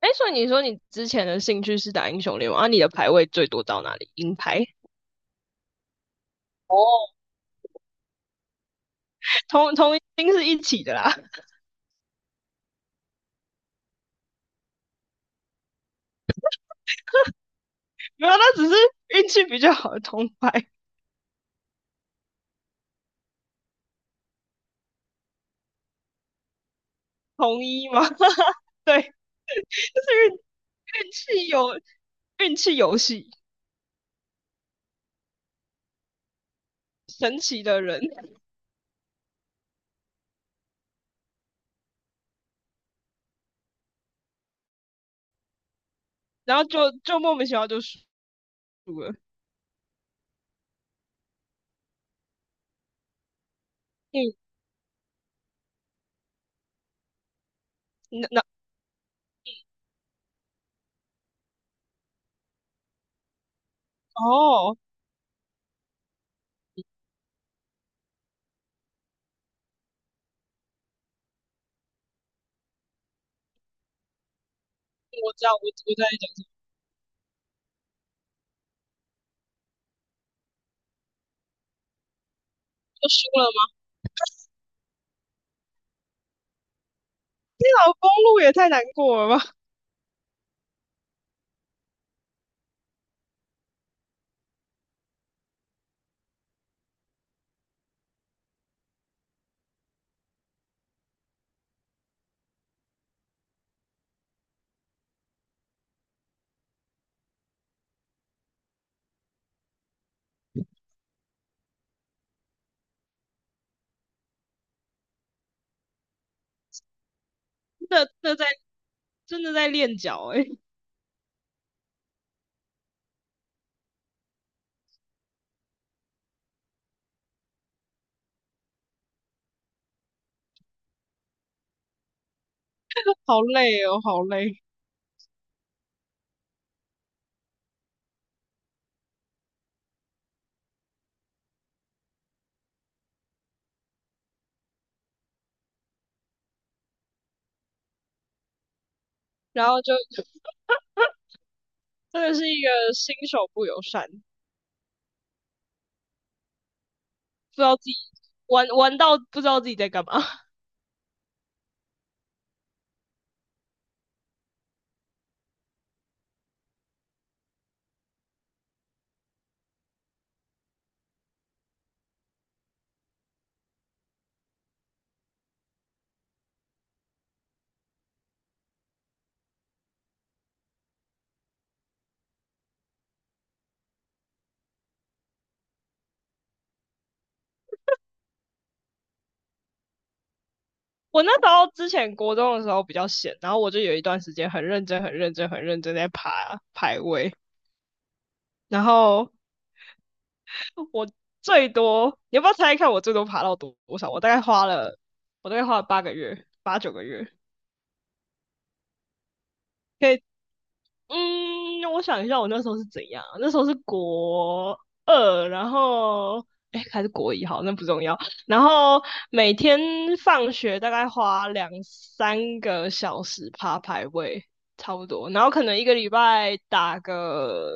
哎，所以你说你之前的兴趣是打英雄联盟啊？你的排位最多到哪里？银牌，哦，同一定是一起的啦。没有啊，那只是运气比较好的同牌同一嘛。对，运气有运气游戏，神奇的人，然后就莫名其妙就输了。嗯，那那哦，我知道，我在讲什么，就输了吗？那条公路也太难过了吧！真的真的在真的在练脚欸好累哦，好累。然后就真的是一个新手不友善，不知道自己玩玩到不知道自己在干嘛。我那时候之前国中的时候比较闲，然后我就有一段时间很认真、很认真、很认真在爬排位，然后我最多，你要不要猜一看我最多爬到多多少？我大概花了八个月、八九个月，可以嗯，我想一下，我那时候是怎样啊？那时候是国二，然后哎，诶还是国一，好，那不重要。然后每天放学大概花两三个小时爬排位，差不多。然后可能一个礼拜打个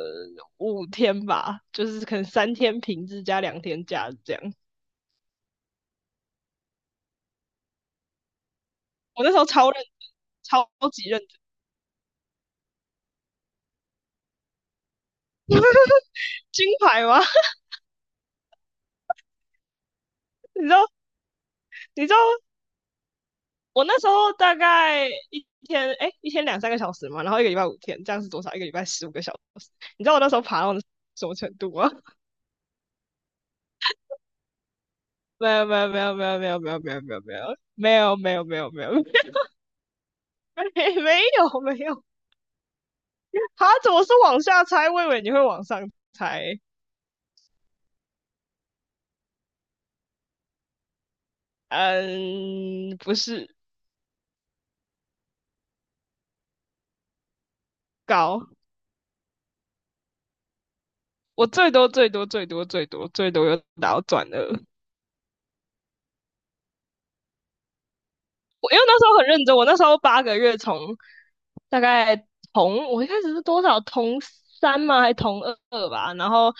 五天吧，就是可能三天平日加两天假日这样。我那时候超认真，超级认真，金牌吗？你知道，你知道我那时候大概一天，哎，一天两三个小时嘛，然后一个礼拜五天，这样是多少？一个礼拜十五个小时。你知道我那时候爬到什么程度吗？没有，没有，没有，没有，没有，没有，没有，没有，没有，没有，没有，没有，没有，没有，没有。啊，怎么是往下猜？我以为你会往上猜。嗯，不是高，我最多最多最多最多最多又倒转了。我因为那时候很认真，我那时候八个月从大概同我一开始是多少同三吗？还同二吧，然后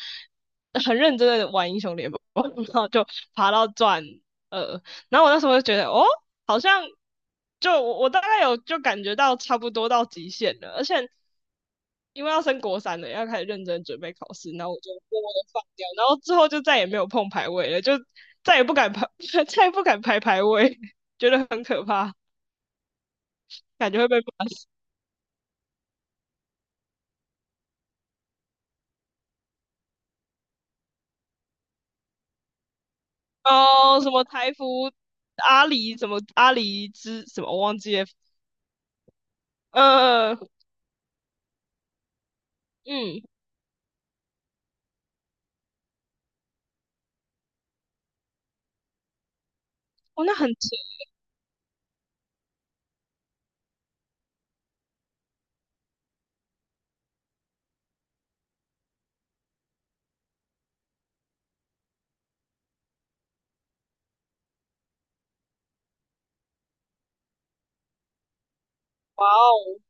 很认真的玩英雄联盟，然后就爬到钻二，然后我那时候就觉得哦，好像就我大概有就感觉到差不多到极限了，而且。因为要升国三了，要开始认真准备考试，然后我就默默的放掉，然后之后就再也没有碰排位了，就再也不敢排，再也不敢排排位，觉得很可怕。感觉会被骂死。哦，什么台服阿里，什么阿里之什么，我忘记了。呃，嗯，哦，那很扯，哇哦，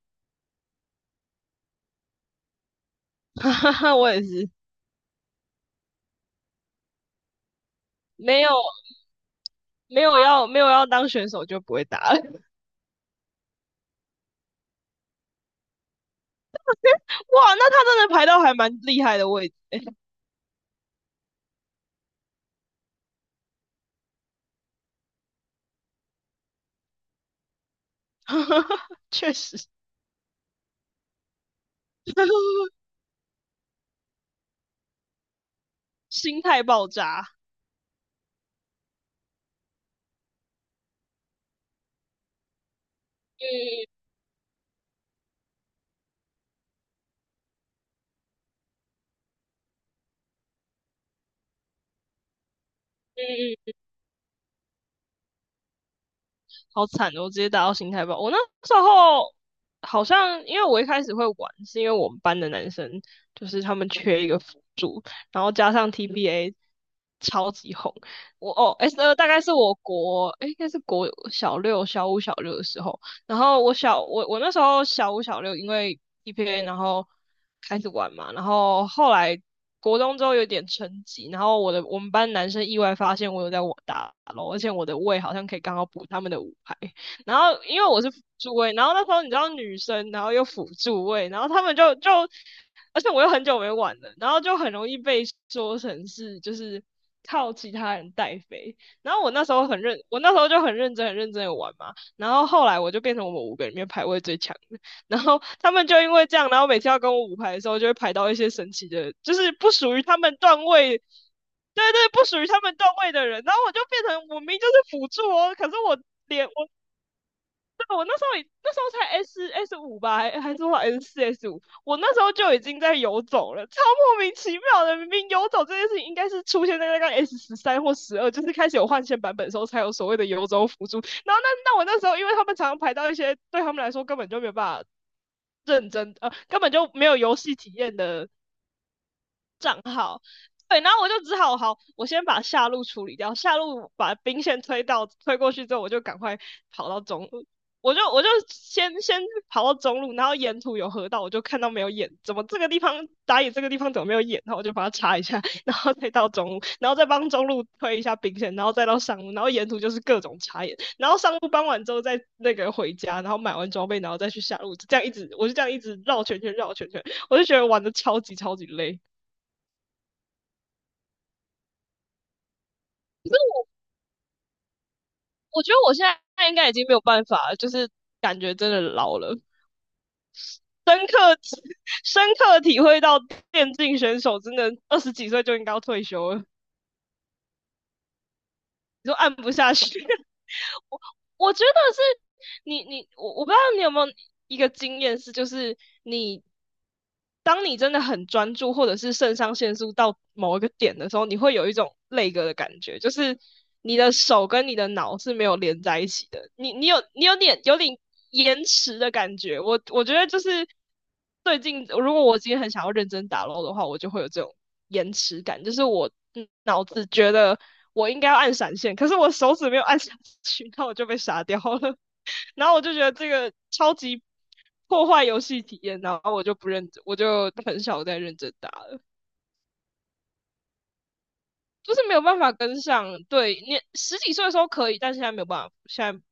哈哈哈，我也是，没有没有要当选手就不会打了。哇，那他真的排到还蛮厉害的位置，确实，心态爆炸。嗯嗯。好惨的，我直接打到心态爆。我那时候好像因为我一开始会玩，是因为我们班的男生就是他们缺一个辅助，然后加上 TBA 超级红。我哦，S 二大概是我国，诶应该是国小六、小五、小六的时候，然后我那时候小五小六，因为 EPA 然后开始玩嘛，然后后来国中之后有点成绩，然后我们班男生意外发现我有在我打咯，而且我的位好像可以刚好补他们的五排，然后因为我是辅助位，然后那时候你知道女生，然后又辅助位，然后他们就，而且我又很久没玩了，然后就很容易被说成就是靠其他人带飞。然后我那时候就很认真、很认真的玩嘛。然后后来我就变成我们五个里面排位最强的，然后他们就因为这样，然后每次要跟我五排的时候，就会排到一些神奇的，就是不属于他们段位，对对，不属于他们段位的人，然后我就变成我明明就是辅助哦，可是我对，我那时候已那时候才 S 五吧，还是多少 S 四 S 五，我那时候就已经在游走了，超莫名其妙的。明明游走这件事情应该是出现在那个 S 十三或十二，就是开始有换线版本的时候才有所谓的游走辅助。然后我那时候，因为他们常常排到一些对他们来说根本就没有办法认真，根本就没有游戏体验的账号。对，然后我就只好好，我先把下路处理掉，下路把兵线推到推过去之后，我就赶快跑到中路，我就先跑到中路，然后沿途有河道，我就看到没有眼，怎么这个地方打野这个地方怎么没有眼，然后我就把它插一下，然后再到中路，然后再帮中路推一下兵线，然后再到上路，然后沿途就是各种插眼，然后上路帮完之后再那个回家，然后买完装备，然后再去下路，这样一直我就这样一直绕圈圈绕圈圈，我就觉得玩的超级超级累。我觉得我现在应该已经没有办法了，就是感觉真的老了，深刻深刻体会到电竞选手真的二十几岁就应该要退休了，你说按不下去。我我觉得是你你我我不知道你有没有一个经验是，就是你当你真的很专注，或者是肾上腺素到某一个点的时候，你会有一种累个的感觉，就是你的手跟你的脑是没有连在一起的，你有点延迟的感觉。我觉得就是最近，如果我今天很想要认真打 l 的话，我就会有这种延迟感，就是我脑子觉得。我应该要按闪现，可是我手指没有按下去，那我就被杀掉了。然后我就觉得这个超级破坏游戏体验，然后我就不认真，我就很少再认真打了，就是没有办法跟上。对你十几岁的时候可以，但现在没有办法，现在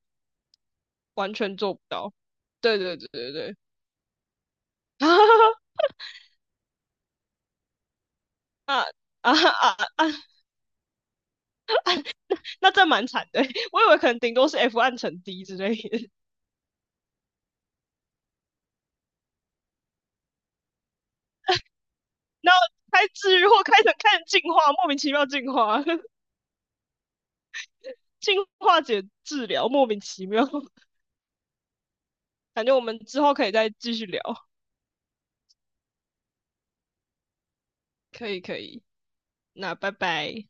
完全做不到。对对对对对，啊啊啊！那这蛮惨的，我以为可能顶多是 F 暗沉 D 之类的，然后开治愈或开始进化，莫名其妙进化，进化解治疗，莫名其妙。感觉我们之后可以再继续聊，可以可以。那拜拜。